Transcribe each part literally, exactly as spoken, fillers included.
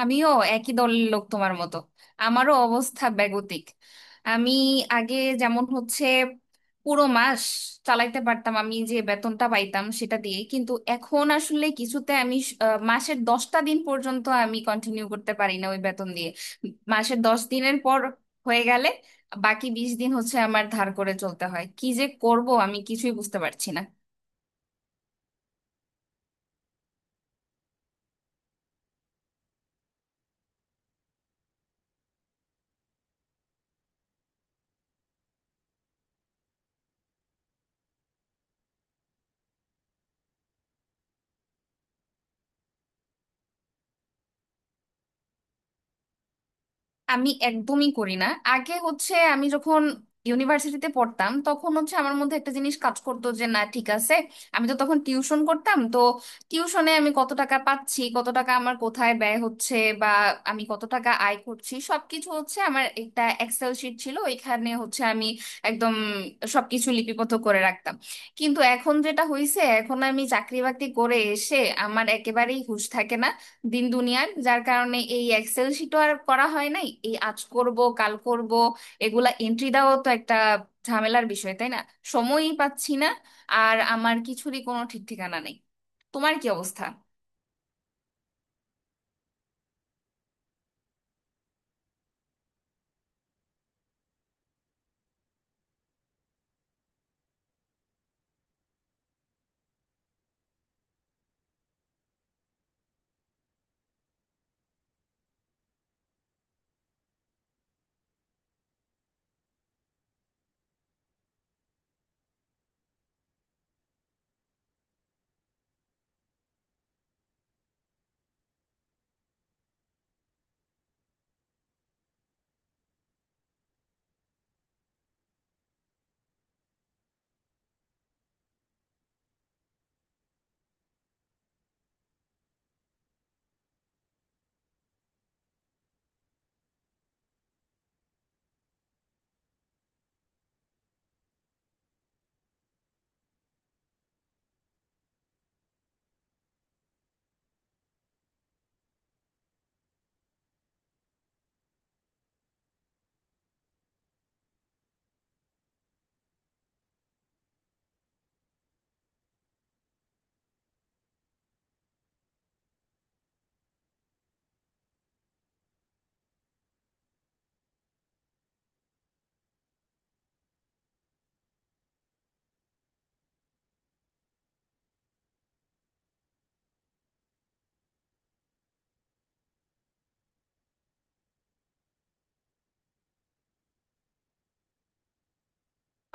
আমিও একই দলের লোক তোমার মতো। আমারও অবস্থা বেগতিক। আমি আগে যেমন হচ্ছে পুরো মাস চালাইতে পারতাম আমি যে বেতনটা পাইতাম সেটা দিয়ে, কিন্তু এখন আসলে কিছুতে আমি স- আহ, মাসের দশটা দিন পর্যন্ত আমি কন্টিনিউ করতে পারি না ওই বেতন দিয়ে। মাসের দশ দিনের পর হয়ে গেলে বাকি বিশ দিন হচ্ছে আমার ধার করে চলতে হয়। কি যে করব আমি কিছুই বুঝতে পারছি না। আমি একদমই করি না। আগে হচ্ছে আমি যখন ইউনিভার্সিটিতে পড়তাম তখন হচ্ছে আমার মধ্যে একটা জিনিস কাজ করতো যে না ঠিক আছে, আমি তো তখন টিউশন করতাম, তো টিউশনে আমি কত টাকা পাচ্ছি, কত টাকা আমার কোথায় ব্যয় হচ্ছে, বা আমি কত টাকা আয় করছি সবকিছু হচ্ছে আমার একটা এক্সেল শিট ছিল, ওইখানে হচ্ছে আমি একদম সবকিছু লিপিবদ্ধ করে রাখতাম। কিন্তু এখন যেটা হয়েছে, এখন আমি চাকরি বাকরি করে এসে আমার একেবারেই হুঁশ থাকে না দিন দুনিয়ার, যার কারণে এই এক্সেল শিটও আর করা হয় নাই। এই আজ করব কাল করব, এগুলা এন্ট্রি দেওয়াও তো একটা ঝামেলার বিষয়, তাই না? সময়ই পাচ্ছি না। আর আমার কিছুরই কোনো ঠিক ঠিকানা নেই। তোমার কি অবস্থা?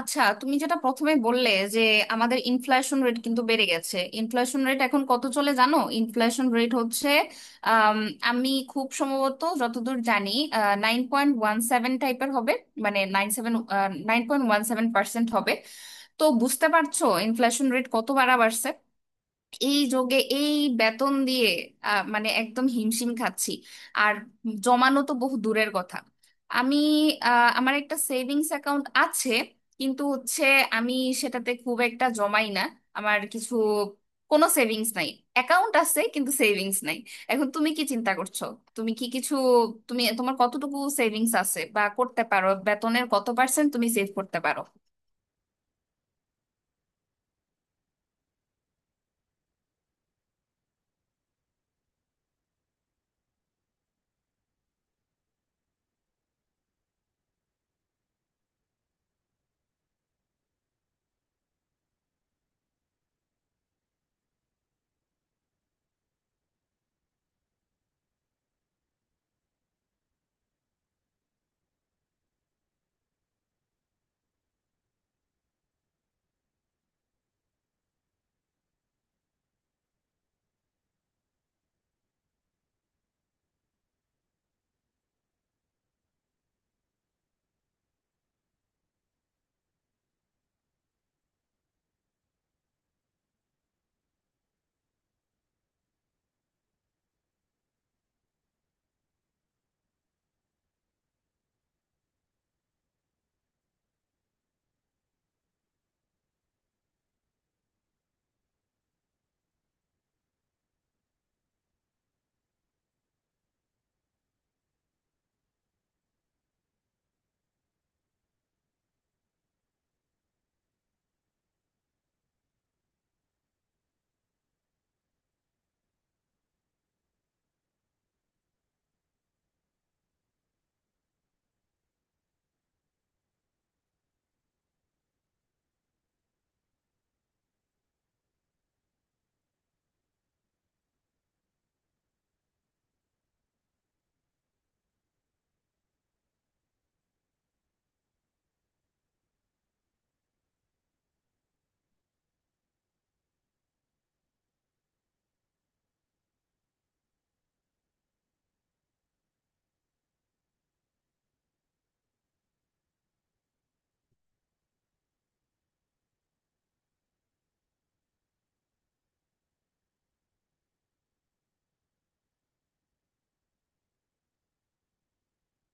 আচ্ছা, তুমি যেটা প্রথমে বললে যে আমাদের ইনফ্লেশন রেট কিন্তু বেড়ে গেছে। ইনফ্লেশন রেট এখন কত চলে জানো? ইনফ্লেশন রেট হচ্ছে আম, আমি খুব সম্ভবত যতদূর জানি নাইন পয়েন্ট ওয়ান সেভেন টাইপের হবে। মানে nine seven, nine point one seven percent হবে। তো বুঝতে পারছো ইনফ্লেশন রেট কত বাড়া বাড়ছে? এই যোগে এই বেতন দিয়ে আহ, মানে একদম হিমশিম খাচ্ছি। আর জমানো তো বহু দূরের কথা। আমি আহ, আমার একটা সেভিংস অ্যাকাউন্ট আছে, কিন্তু হচ্ছে আমি সেটাতে খুব একটা জমাই না। আমার কিছু কোনো সেভিংস নাই। অ্যাকাউন্ট আছে কিন্তু সেভিংস নাই। এখন তুমি কি চিন্তা করছো? তুমি কি কিছু, তুমি তোমার কতটুকু সেভিংস আছে বা করতে পারো? বেতনের কত পার্সেন্ট তুমি সেভ করতে পারো?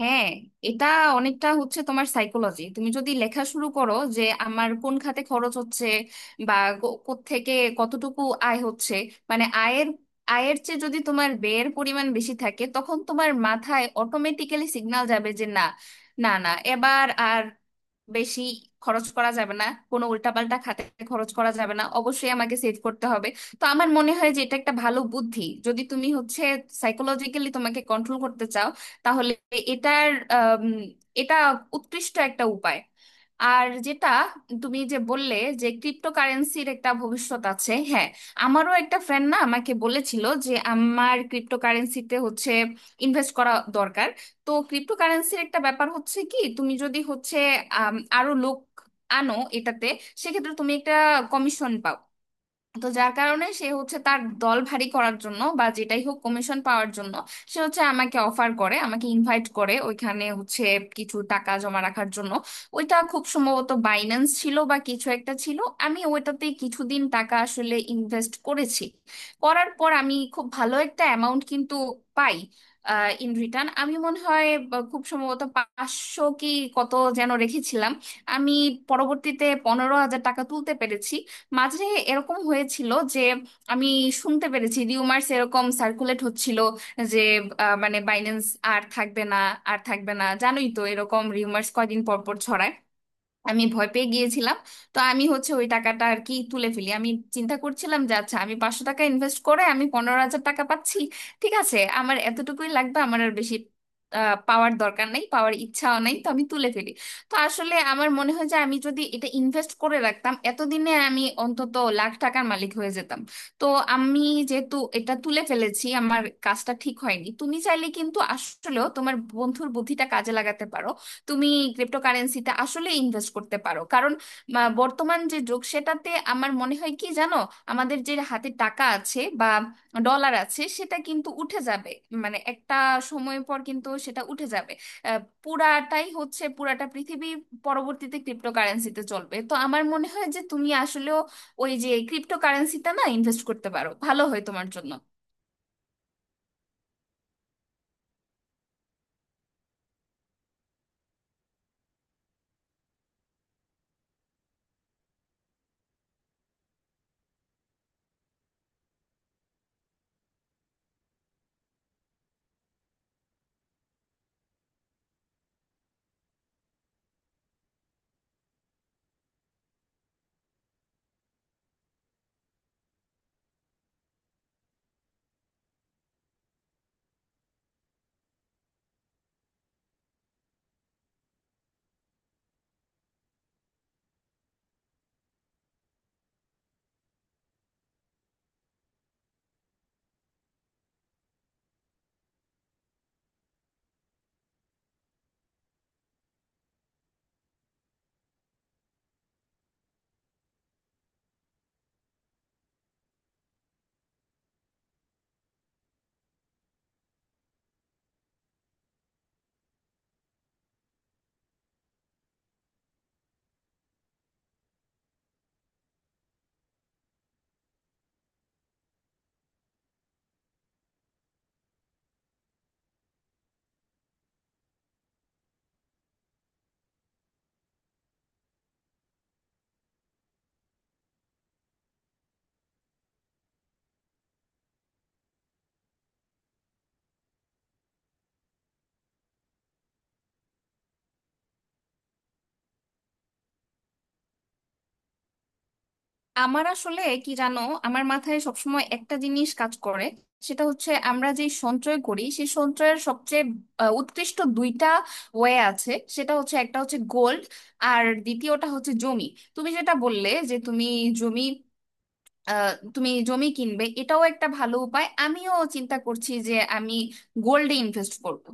হ্যাঁ, এটা অনেকটা হচ্ছে তোমার সাইকোলজি। তুমি যদি লেখা শুরু করো যে আমার কোন খাতে খরচ হচ্ছে, বা থেকে কতটুকু আয় হচ্ছে, মানে আয়ের, আয়ের চেয়ে যদি তোমার ব্যয়ের পরিমাণ বেশি থাকে, তখন তোমার মাথায় অটোমেটিক্যালি সিগন্যাল যাবে যে না, না না, এবার আর বেশি খরচ করা যাবে না, কোনো উল্টাপাল্টা খাতে খরচ করা যাবে না, অবশ্যই আমাকে সেভ করতে হবে। তো আমার মনে হয় যে এটা একটা ভালো বুদ্ধি। যদি তুমি হচ্ছে সাইকোলজিক্যালি তোমাকে কন্ট্রোল করতে চাও, তাহলে এটার আম, এটা উৎকৃষ্ট একটা উপায়। আর যেটা তুমি যে বললে যে ক্রিপ্টোকারেন্সির একটা ভবিষ্যৎ আছে, হ্যাঁ, আমারও একটা ফ্রেন্ড না আমাকে বলেছিল যে আমার ক্রিপ্টোকারেন্সিতে হচ্ছে ইনভেস্ট করা দরকার। তো ক্রিপ্টোকারেন্সির একটা ব্যাপার হচ্ছে কি, তুমি যদি হচ্ছে আম, আরো লোক আনো এটাতে, সেক্ষেত্রে তুমি একটা কমিশন পাও। তো যার কারণে সে হচ্ছে তার দল ভারী করার জন্য বা যেটাই হোক কমিশন পাওয়ার জন্য সে হচ্ছে আমাকে অফার করে, আমাকে ইনভাইট করে ওইখানে হচ্ছে কিছু টাকা জমা রাখার জন্য। ওইটা খুব সম্ভবত বাইন্যান্স ছিল বা কিছু একটা ছিল। আমি ওইটাতে কিছুদিন টাকা আসলে ইনভেস্ট করেছি। করার পর আমি খুব ভালো একটা অ্যামাউন্ট কিন্তু পাই ইন রিটার্ন। আমি মনে হয় বা খুব সম্ভবত পাঁচশো কি কত যেন রেখেছিলাম। আমি পরবর্তীতে পনেরো হাজার টাকা তুলতে পেরেছি। মাঝে এরকম হয়েছিল যে আমি শুনতে পেরেছি রিউমার্স এরকম সার্কুলেট হচ্ছিল যে আহ, মানে বাইন্যান্স আর থাকবে না, আর থাকবে না। জানোই তো এরকম রিউমার্স কয়দিন পর পর ছড়ায়। আমি ভয় পেয়ে গিয়েছিলাম। তো আমি হচ্ছে ওই টাকাটা আর কি তুলে ফেলি। আমি চিন্তা করছিলাম যে আচ্ছা আমি পাঁচশো টাকা ইনভেস্ট করে আমি পনেরো হাজার টাকা পাচ্ছি, ঠিক আছে আমার এতটুকুই লাগবে, আমার আর বেশি আহ, পাওয়ার দরকার নেই, পাওয়ার ইচ্ছাও নেই, তো আমি তুলে ফেলি। তো আসলে আমার মনে হয় যে আমি যদি এটা ইনভেস্ট করে রাখতাম এতদিনে আমি অন্তত লাখ টাকার মালিক হয়ে যেতাম। তো আমি যেহেতু এটা তুলে ফেলেছি আমার কাজটা ঠিক হয়নি। তুমি চাইলে কিন্তু আসলেও তোমার বন্ধুর বুদ্ধিটা কাজে লাগাতে পারো। তুমি ক্রিপ্টোকারেন্সিতে আসলে ইনভেস্ট করতে পারো, কারণ মা- বর্তমান যে যুগ সেটাতে আমার মনে হয় কি জানো, আমাদের যে হাতে টাকা আছে বা ডলার আছে সেটা কিন্তু উঠে যাবে। মানে একটা সময় পর কিন্তু সেটা উঠে যাবে। আহ, পুরাটাই হচ্ছে, পুরাটা পৃথিবী পরবর্তীতে ক্রিপ্টোকারেন্সিতে চলবে। তো আমার মনে হয় যে তুমি আসলেও ওই যে ক্রিপ্টোকারেন্সিতে না ইনভেস্ট করতে পারো, ভালো হয় তোমার জন্য। আমার আসলে কি জানো, আমার মাথায় সবসময় একটা জিনিস কাজ করে, সেটা হচ্ছে আমরা যে সঞ্চয় করি সেই সঞ্চয়ের সবচেয়ে আহ, উৎকৃষ্ট দুইটা ওয়ে আছে। সেটা হচ্ছে একটা হচ্ছে গোল্ড, আর দ্বিতীয়টা হচ্ছে জমি। তুমি যেটা বললে যে তুমি জমি, আহ, তুমি জমি কিনবে, এটাও একটা ভালো উপায়। আমিও চিন্তা করছি যে আমি গোল্ডে ইনভেস্ট করব।